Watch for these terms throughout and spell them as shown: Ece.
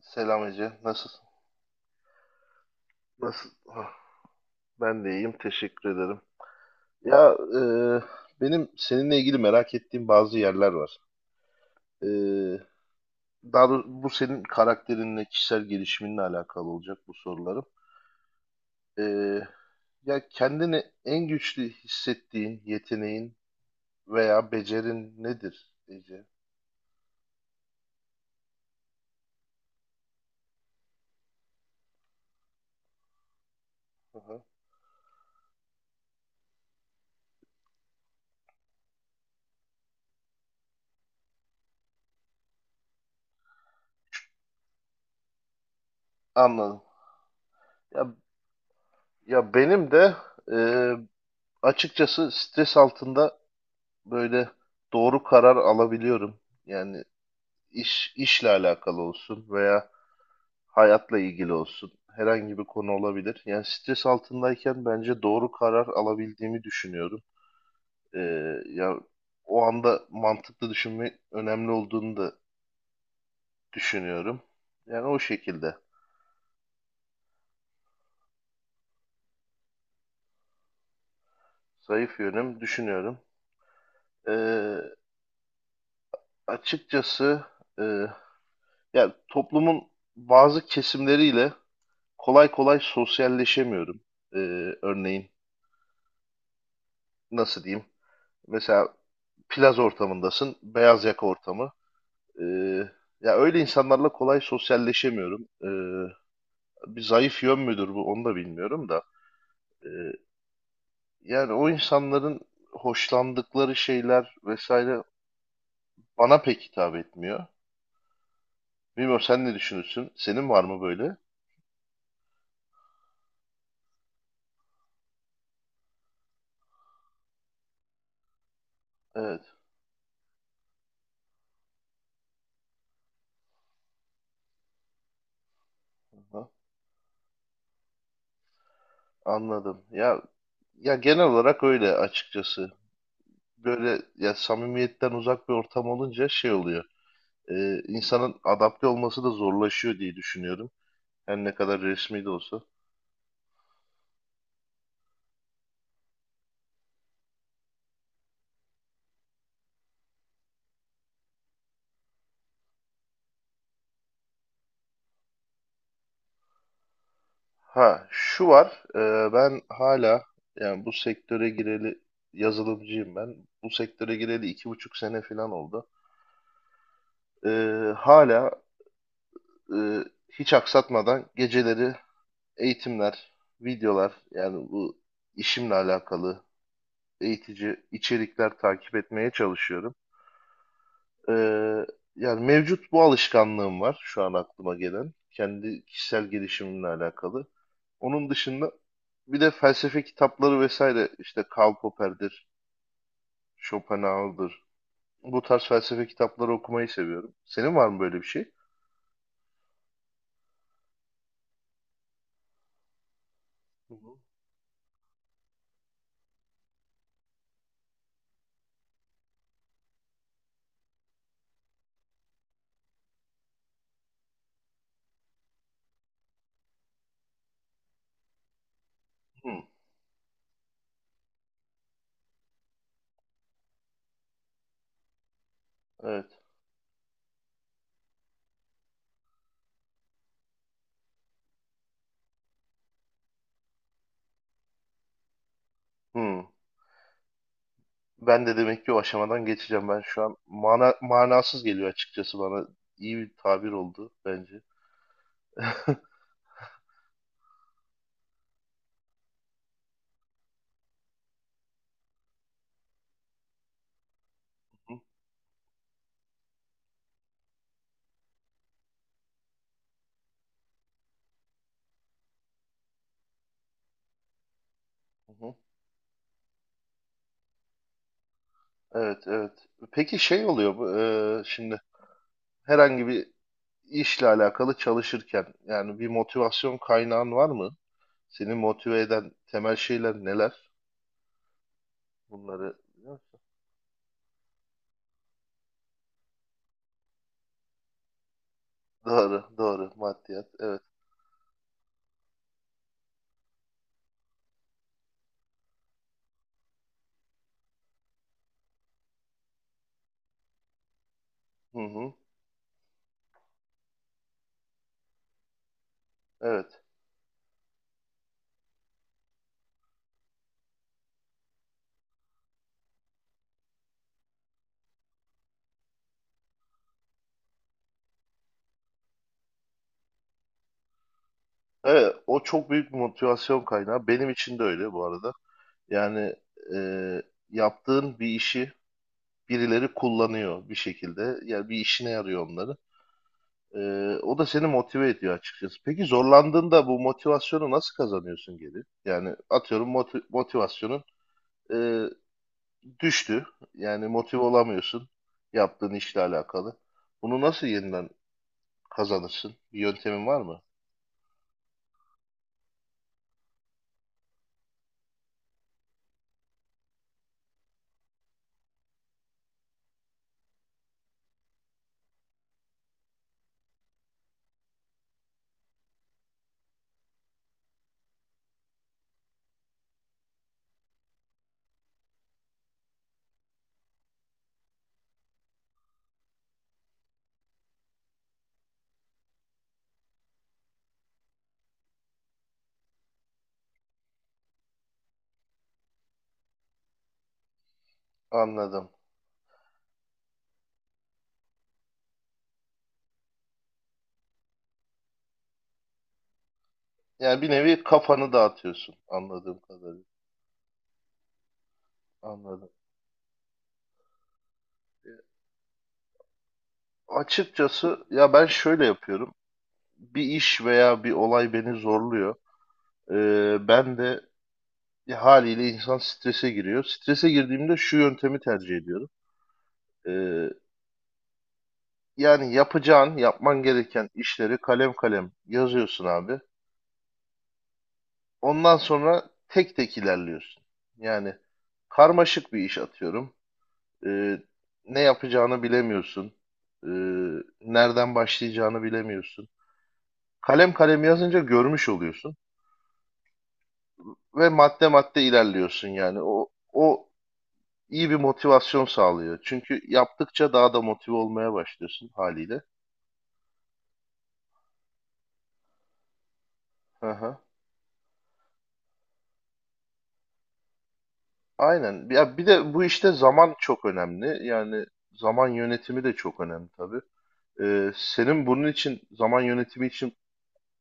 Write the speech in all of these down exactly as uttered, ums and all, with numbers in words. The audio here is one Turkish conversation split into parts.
Selam Ece. Nasılsın? Nasıl? Ah, Ben de iyiyim. Teşekkür ederim. Ya e, benim seninle ilgili merak ettiğim bazı yerler var. E, daha doğrusu bu senin karakterinle, kişisel gelişiminle alakalı olacak bu sorularım. E, ya kendini en güçlü hissettiğin yeteneğin veya becerin nedir Ece? Hı hı. Anladım. Ya, ya benim de e, açıkçası stres altında böyle doğru karar alabiliyorum. Yani iş işle alakalı olsun veya hayatla ilgili olsun. Herhangi bir konu olabilir. Yani stres altındayken bence doğru karar alabildiğimi düşünüyorum. Ee, ya o anda mantıklı düşünme önemli olduğunu da düşünüyorum. Yani o şekilde zayıf yönüm düşünüyorum. Ee, açıkçası e, ya toplumun bazı kesimleriyle kolay kolay sosyalleşemiyorum. Ee, örneğin nasıl diyeyim? Mesela plaz ortamındasın, beyaz yaka ortamı. Ee, ya öyle insanlarla kolay sosyalleşemiyorum. Ee, bir zayıf yön müdür bu, onu da bilmiyorum da. Ee, yani o insanların hoşlandıkları şeyler vesaire bana pek hitap etmiyor. Bilmiyorum, sen ne düşünürsün? Senin var mı böyle? Evet. Aha, anladım. Ya ya genel olarak öyle açıkçası. Böyle ya samimiyetten uzak bir ortam olunca şey oluyor. Ee, insanın adapte olması da zorlaşıyor diye düşünüyorum. Her ne kadar resmi de olsa. Ha, şu var. E, ben hala, yani bu sektöre gireli, yazılımcıyım ben. Bu sektöre gireli iki buçuk sene falan oldu. E, hala e, hiç aksatmadan geceleri eğitimler, videolar, yani bu işimle alakalı eğitici içerikler takip etmeye çalışıyorum. Ee, yani mevcut bu alışkanlığım var şu an aklıma gelen. Kendi kişisel gelişimimle alakalı. Onun dışında bir de felsefe kitapları vesaire, işte Karl Popper'dir, Schopenhauer'dır. Bu tarz felsefe kitapları okumayı seviyorum. Senin var mı böyle bir şey? Hı hı. Hı, evet. Hı. Ben de demek ki o aşamadan geçeceğim. Ben şu an mana, manasız geliyor açıkçası bana. İyi bir tabir oldu bence. Hı hı. Evet, evet. Peki şey oluyor bu, e, şimdi herhangi bir işle alakalı çalışırken, yani bir motivasyon kaynağın var mı? Seni motive eden temel şeyler neler? Bunları doğru, doğru, maddiyat. Evet. Hı hı. Evet. Evet, o çok büyük bir motivasyon kaynağı. Benim için de öyle bu arada. Yani e, yaptığın bir işi birileri kullanıyor bir şekilde. Yani bir işine yarıyor onları. Ee, o da seni motive ediyor açıkçası. Peki zorlandığında bu motivasyonu nasıl kazanıyorsun geri? Yani atıyorum, moti- motivasyonun e, düştü. Yani motive olamıyorsun yaptığın işle alakalı. Bunu nasıl yeniden kazanırsın? Bir yöntemin var mı? Anladım. Yani bir nevi kafanı dağıtıyorsun, anladığım kadarıyla. Anladım. E, Açıkçası ya ben şöyle yapıyorum. Bir iş veya bir olay beni zorluyor. Ee, ben de Ya, haliyle insan strese giriyor. Strese girdiğimde şu yöntemi tercih ediyorum. Ee, yani yapacağın, yapman gereken işleri kalem kalem yazıyorsun abi. Ondan sonra tek tek ilerliyorsun. Yani karmaşık bir iş, atıyorum. Ee, ne yapacağını bilemiyorsun. Ee, nereden başlayacağını bilemiyorsun. Kalem kalem yazınca görmüş oluyorsun ve madde madde ilerliyorsun yani. O o iyi bir motivasyon sağlıyor. Çünkü yaptıkça daha da motive olmaya başlıyorsun haliyle. Hı hı. Aynen. Ya bir de bu işte zaman çok önemli. Yani zaman yönetimi de çok önemli tabii. Ee, senin bunun için, zaman yönetimi için,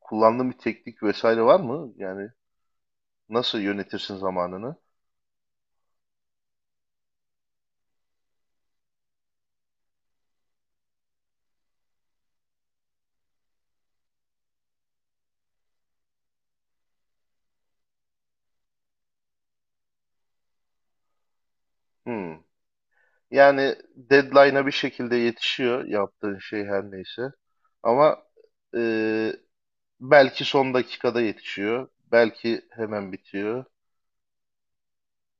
kullandığın bir teknik vesaire var mı? Yani nasıl yönetirsin zamanını? Hmm. Yani deadline'a bir şekilde yetişiyor yaptığın şey her neyse. Ama e, belki son dakikada yetişiyor. Belki hemen bitiyor.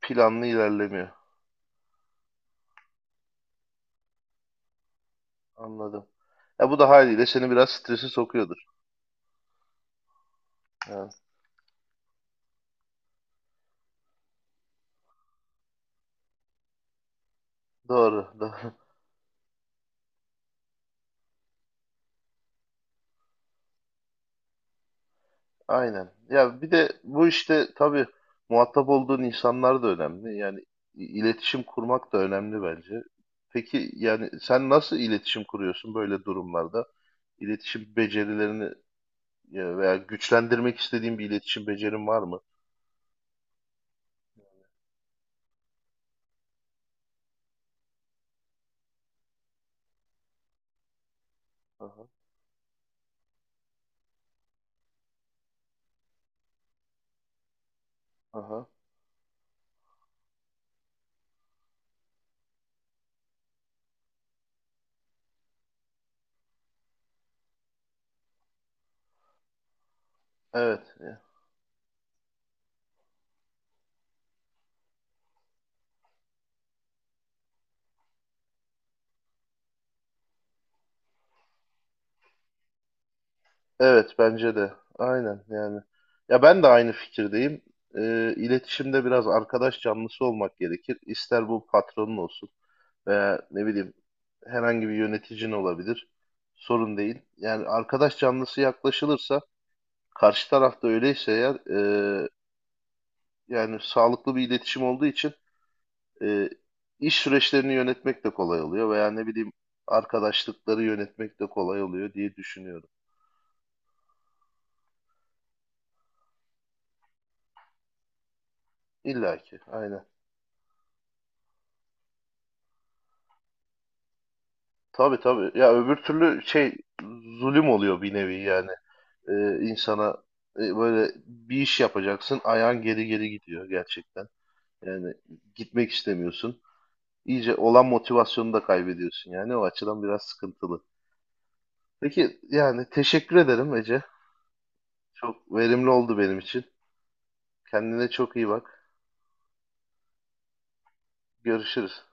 Planlı ilerlemiyor. Anladım. Ya bu da haliyle seni biraz strese sokuyordur. Yani doğru, doğru. Aynen. Ya bir de bu işte tabii muhatap olduğun insanlar da önemli. Yani i- iletişim kurmak da önemli bence. Peki yani sen nasıl iletişim kuruyorsun böyle durumlarda? İletişim becerilerini ya veya güçlendirmek istediğin bir iletişim becerin var mı? Aha, aha. Evet. Evet, bence de. Aynen yani. Ya ben de aynı fikirdeyim. Ee, iletişimde biraz arkadaş canlısı olmak gerekir. İster bu patronun olsun veya ne bileyim, herhangi bir yöneticin olabilir. Sorun değil. Yani arkadaş canlısı yaklaşılırsa, karşı tarafta öyleyse eğer, e, yani sağlıklı bir iletişim olduğu için, e, iş süreçlerini yönetmek de kolay oluyor veya, ne bileyim, arkadaşlıkları yönetmek de kolay oluyor diye düşünüyorum. İlla ki. Aynen. Tabii tabii. Ya öbür türlü şey, zulüm oluyor bir nevi yani. Ee, insana e, böyle bir iş yapacaksın, ayağın geri geri gidiyor gerçekten. Yani gitmek istemiyorsun. İyice olan motivasyonunu da kaybediyorsun, yani o açıdan biraz sıkıntılı. Peki yani teşekkür ederim Ece. Çok verimli oldu benim için. Kendine çok iyi bak. Görüşürüz.